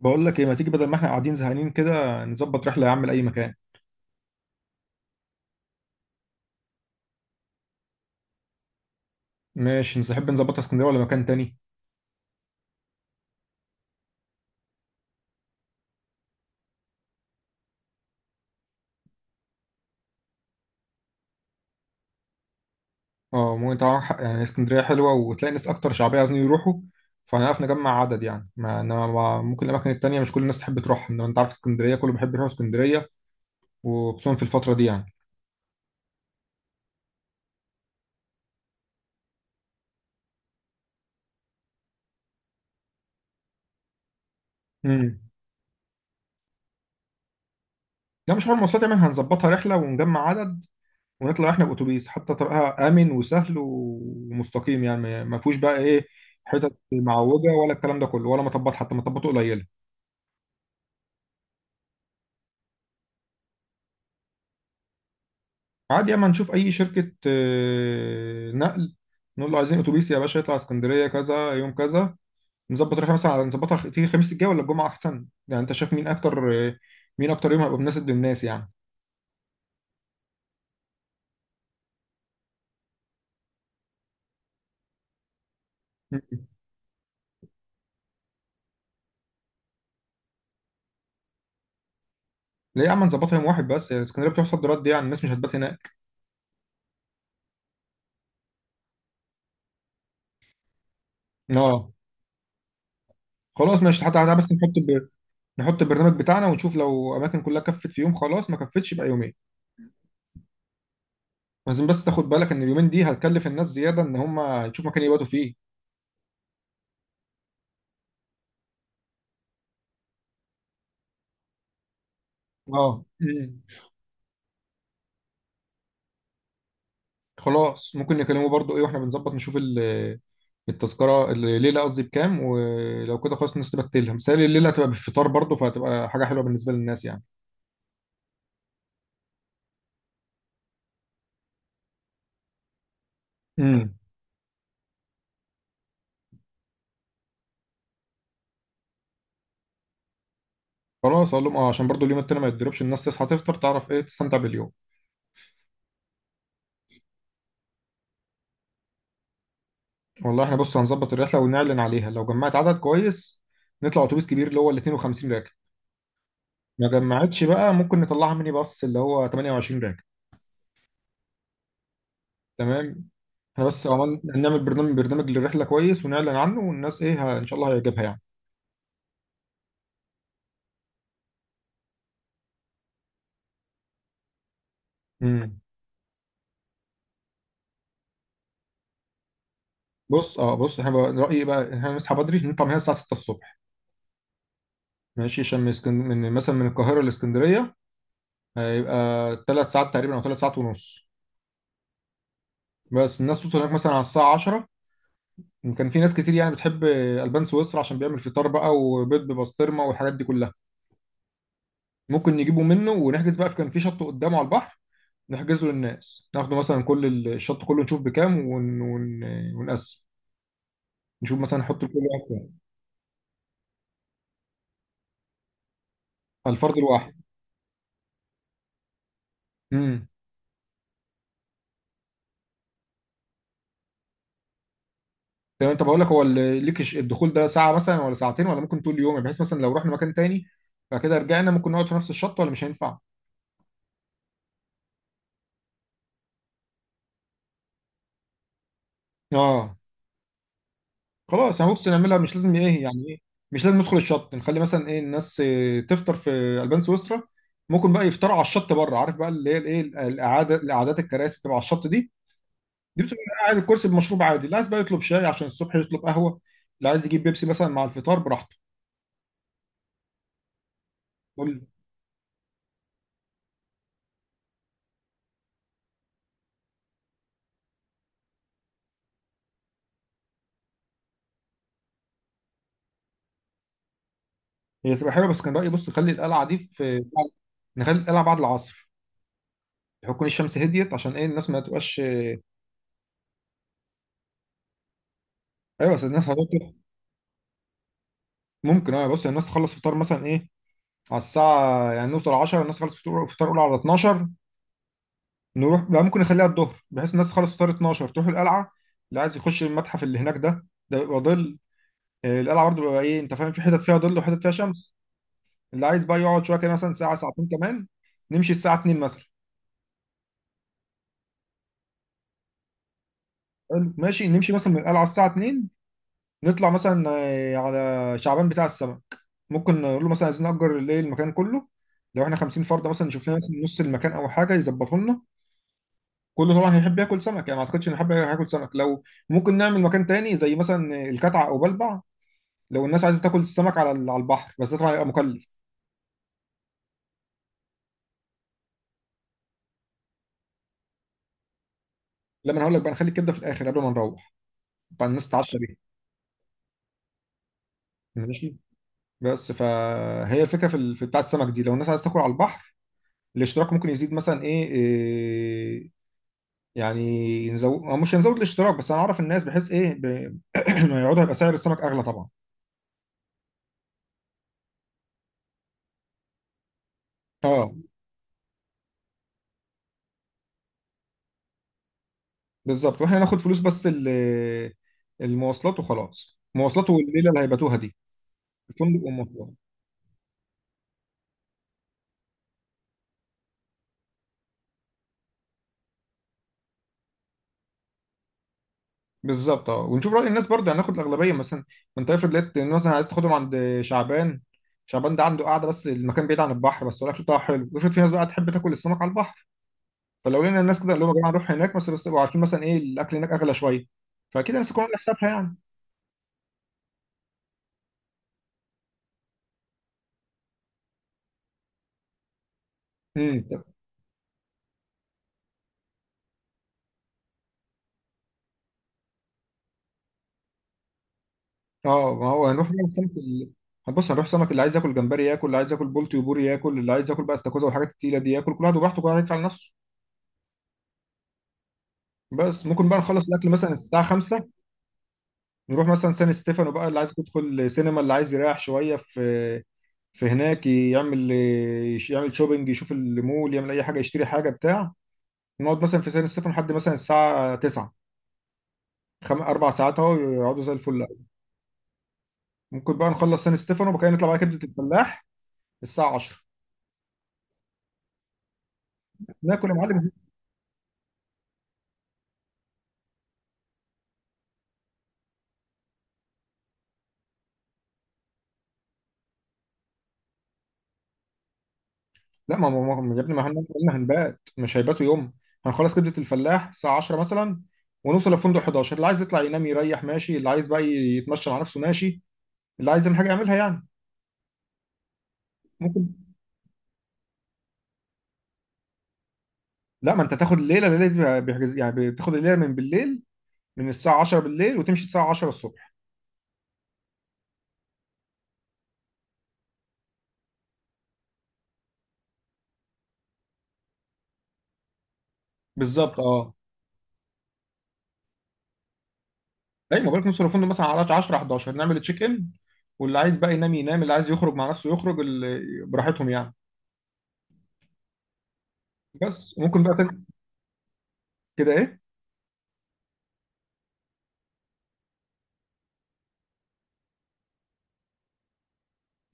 بقول لك ايه، ما تيجي بدل ما احنا قاعدين زهقانين كده نظبط رحله يا عم لاي مكان؟ ماشي، نحب نظبطها اسكندريه ولا مكان تاني؟ اه ممكن طبعا، يعني اسكندريه حلوه وتلاقي ناس اكتر شعبيه عايزين يروحوا. فهنعرف نجمع عدد، يعني ما إنما ممكن الاماكن التانيه مش كل الناس تحب تروح، انما انت عارف اسكندريه كله بيحب يروح اسكندريه، وخصوصا في الفتره دي يعني. امم لا مش حوار مواصلات، يعني هنظبطها رحله ونجمع عدد ونطلع احنا باتوبيس، حتى طريقها امن وسهل ومستقيم يعني ما فيهوش بقى ايه، حتت معوجه ولا الكلام ده كله، ولا مطبات، حتى مطبات قليله. عادي، اما نشوف اي شركة نقل، نقول له عايزين اتوبيس يا باشا يطلع اسكندرية كذا، يوم كذا. نظبط رحلة مثلا على نظبطها تيجي الخميس الجاي ولا الجمعة احسن؟ يعني انت شايف مين اكتر مين اكتر يوم هيبقى مناسب للناس يعني. م- م. ليه يا عم نظبطها يوم واحد بس؟ يعني اسكندرية بتحصل رد، يعني الناس مش هتبات هناك. اه خلاص ماشي، حتى تعالى بس نحط البرنامج بتاعنا ونشوف، لو اماكن كلها كفت في يوم خلاص، ما كفتش يبقى يومين. لازم بس تاخد بالك ان اليومين دي هتكلف الناس زيادة، ان هم يشوفوا مكان يباتوا فيه. اه م. خلاص ممكن نكلمه برضو ايه، واحنا بنظبط نشوف التذكرة الليلة قصدي بكام، ولو كده خلاص الناس تبقى تلهم مثالي، الليلة هتبقى بالفطار برضو، فهتبقى حاجة حلوة بالنسبة للناس يعني. امم خلاص اقول لهم، اه عشان برضو اليوم التاني ما يتضربش، الناس تصحى تفطر تعرف ايه تستمتع باليوم. والله احنا بص، هنظبط الرحلة ونعلن عليها، لو جمعت عدد كويس نطلع اتوبيس كبير اللي هو ال 52 راكب، ما جمعتش بقى ممكن نطلعها ميني باص اللي هو 28 راكب. تمام، احنا بس عمال نعمل برنامج للرحلة كويس ونعلن عنه، والناس ايه ان شاء الله هيعجبها يعني. امم بص اه بص، احنا رأيي بقى إن احنا نصحى بدري نطلع من هنا الساعة 6 الصبح، ماشي؟ عشان من من مثلا من القاهرة لاسكندرية هيبقى ثلاث ساعات تقريبا او ثلاث ساعات ونص. بس الناس توصل هناك مثلا على الساعة 10، كان في ناس كتير يعني بتحب البان سويسرا، عشان بيعمل فطار بقى وبيض ببسطرمة والحاجات دي كلها. ممكن نجيبه منه ونحجز بقى، في كان في شط قدامه على البحر نحجزه للناس، ناخده مثلا كل الشط كله، نشوف بكام ونقسم، نشوف مثلا نحط لكل واحد كام. على الفرد الواحد. امم تمام، طب اقول لك، هو الدخول ده ساعه مثلا ولا ساعتين، ولا ممكن طول اليوم، بحيث مثلا لو رحنا مكان تاني بعد كده رجعنا ممكن نقعد في نفس الشط، ولا مش هينفع؟ اه خلاص، انا بص نعملها مش لازم ايه يعني ايه، مش لازم ندخل الشط، نخلي مثلا ايه الناس تفطر في البان سويسرا، ممكن بقى يفطروا على الشط بره، عارف بقى اللي هي الايه الاعاده الاعادات الكراسي تبع الشط دي، دي بتبقى قاعد الكرسي بمشروب عادي، اللي عايز بقى يطلب شاي، عشان الصبح يطلب قهوه، اللي عايز يجيب بيبسي مثلا مع الفطار براحته. قول لي. هي تبقى حلوه، بس كان رايي بص خلي القلعه دي في، نخلي القلعه بعد العصر، يكون الشمس هديت، عشان ايه الناس ما تبقاش. ايوه بس الناس هتطبخ. ممكن، اه بص الناس تخلص فطار مثلا ايه، على الساعة يعني نوصل 10، الناس تخلص فطور فطار اولى على 12، نروح بقى ممكن نخليها الظهر بحيث الناس تخلص فطار 12 تروح القلعة، اللي عايز يخش المتحف اللي هناك ده ده بيبقى ظل، القلعة برضه بيبقى ايه انت فاهم، في حتت فيها ظل وحتت فيها شمس. اللي عايز بقى يقعد شوية كده مثلا ساعة ساعتين كمان، نمشي الساعة 2 مثلا. حلو، ماشي نمشي مثلا من القلعة الساعة 2، نطلع مثلا على شعبان بتاع السمك، ممكن نقول له مثلا عايزين نأجر الليل المكان كله، لو احنا 50 فرد مثلا نشوف لنا مثلا نص المكان او حاجه يظبطه لنا، كله طبعا هيحب ياكل سمك، يعني ما اعتقدش ان حد هياكل سمك لو، ممكن نعمل مكان تاني زي مثلا الكتعة او بلبع، لو الناس عايزه تاكل السمك على على البحر بس ده طبعا هيبقى مكلف. لما انا هقول لك بقى، نخلي الكبده في الاخر قبل ما نروح، طبعا الناس تتعشى بيها. ماشي، بس فهي الفكره في في بتاع السمك دي، لو الناس عايزه تاكل على البحر الاشتراك ممكن يزيد، مثلا ايه, آه، يعني نزود أو مش هنزود الاشتراك، بس هنعرف الناس بحيث ايه ما يقعدوا، هيبقى سعر السمك اغلى طبعا. اه بالظبط، واحنا هناخد فلوس بس المواصلات وخلاص، مواصلات والليله اللي هيباتوها دي. الفندق والمواصلات بالظبط اه، ونشوف راي الناس برضه، هناخد الاغلبيه. مثلا ما انت افرض لقيت إن مثلا عايز تاخدهم عند شعبان، شعبان ده عنده قاعده بس المكان بعيد عن البحر، بس الاكل بتاعه حلو، افرض في ناس بقى تحب تاكل السمك على البحر، فلو لقينا الناس كده اللي هم يا جماعه نروح هناك بس، بس يبقوا عارفين مثلا ايه الاكل هناك اغلى شويه، فاكيد الناس تكون عامله حسابها يعني. امم اه ما هو هنروح بقى بص هنروح سمك، اللي عايز ياكل جمبري ياكل، اللي عايز ياكل بولتي وبوري ياكل، اللي عايز ياكل بقى استاكوزا والحاجات التقيله دي ياكل، كل واحد وبراحته، كل واحد يدفع لنفسه. بس ممكن بقى نخلص الاكل مثلا الساعه 5، نروح مثلا سان ستيفانو بقى، اللي عايز يدخل سينما، اللي عايز يريح شويه في، في هناك يعمل، يعمل شوبينج، يشوف المول، يعمل اي حاجه يشتري حاجه بتاع. نقعد مثلا في سان ستيفانو لحد مثلا الساعه 9، اربع ساعات اهو يقعدوا زي الفل. ممكن بقى نخلص سان ستيفانو وبعد كده نطلع بقى كبده الفلاح الساعه 10، ناكل يا معلم. لا ما ما يا ابني ما احنا قلنا هنبات، مش هيباتوا يوم، هنخلص كبدة الفلاح الساعة 10 مثلا، ونوصل للفندق 11، اللي عايز يطلع ينام يريح ماشي، اللي عايز بقى يتمشى مع نفسه ماشي، اللي عايز يعمل حاجة يعملها يعني. ممكن. لا ما انت تاخد الليلة دي بيحجز، يعني بتاخد الليلة من بالليل، من الساعة 10 بالليل وتمشي الساعة 10 الصبح. بالظبط اه، ايوه ما بالك نوصل للفندق مثلا على 10 11 نعمل تشيك ان، واللي عايز بقى ينام ينام، اللي عايز يخرج مع نفسه يخرج، اللي براحتهم يعني. بس ممكن بقى تاني كده ايه.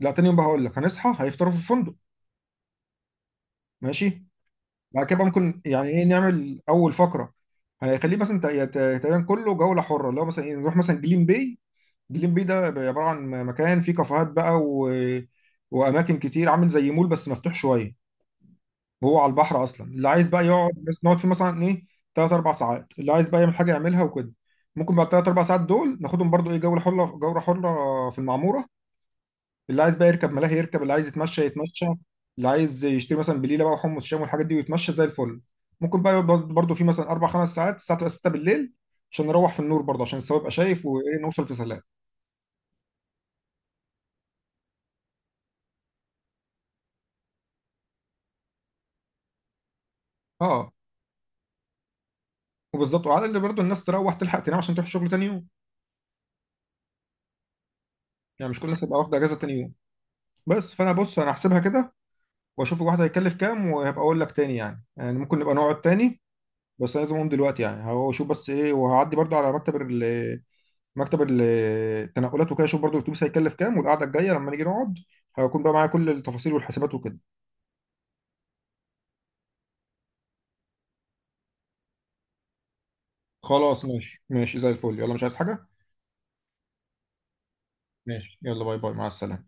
لا تاني يوم بقى هقول لك، هنصحى هيفطروا في الفندق ماشي، بعد كده بقى ممكن يعني ايه نعمل اول فقره، هيخليه مثلا تقريبا كله جوله حره، اللي هو مثلا ايه نروح مثلا جليم باي. جليم باي ده بيبقى عباره عن مكان فيه كافيهات بقى واماكن كتير عامل زي مول بس مفتوح شويه، وهو على البحر اصلا، اللي عايز بقى يقعد بس نقعد فيه مثلا ايه، ثلاث اربع ساعات، اللي عايز بقى يعمل حاجه يعملها وكده. ممكن بعد ثلاث اربع ساعات دول ناخدهم برضو ايه جوله حره، جوله حره في المعموره، اللي عايز بقى يركب ملاهي يركب، اللي عايز يتمشى يتمشى، اللي عايز يشتري مثلا بليله بقى وحمص شام والحاجات دي ويتمشى زي الفل. ممكن بقى يقعد برضه في مثلا اربع خمس ساعات، الساعه تبقى 6 بالليل، عشان نروح في النور برضه، عشان السواق يبقى شايف وايه نوصل في سلام. اه وبالظبط، وعلى اللي برضه الناس تروح تلحق تنام عشان تروح الشغل تاني يوم، يعني مش كل الناس هتبقى واخده اجازه تاني يوم. بس فانا بص انا هحسبها كده، واشوف الواحد هيكلف كام، وهبقى اقول لك تاني يعني، يعني ممكن نبقى نقعد تاني. بس أنا لازم اقوم دلوقتي يعني، هشوف بس ايه، وهعدي برضه على مكتب ال- التنقلات وكده، شوف برضو الاتوبيس هيكلف كام، والقعده الجايه لما نيجي نقعد هيكون بقى معايا كل التفاصيل والحسابات وكده. خلاص ماشي ماشي زي الفل، يلا مش عايز حاجه. ماشي يلا، باي باي، مع السلامه.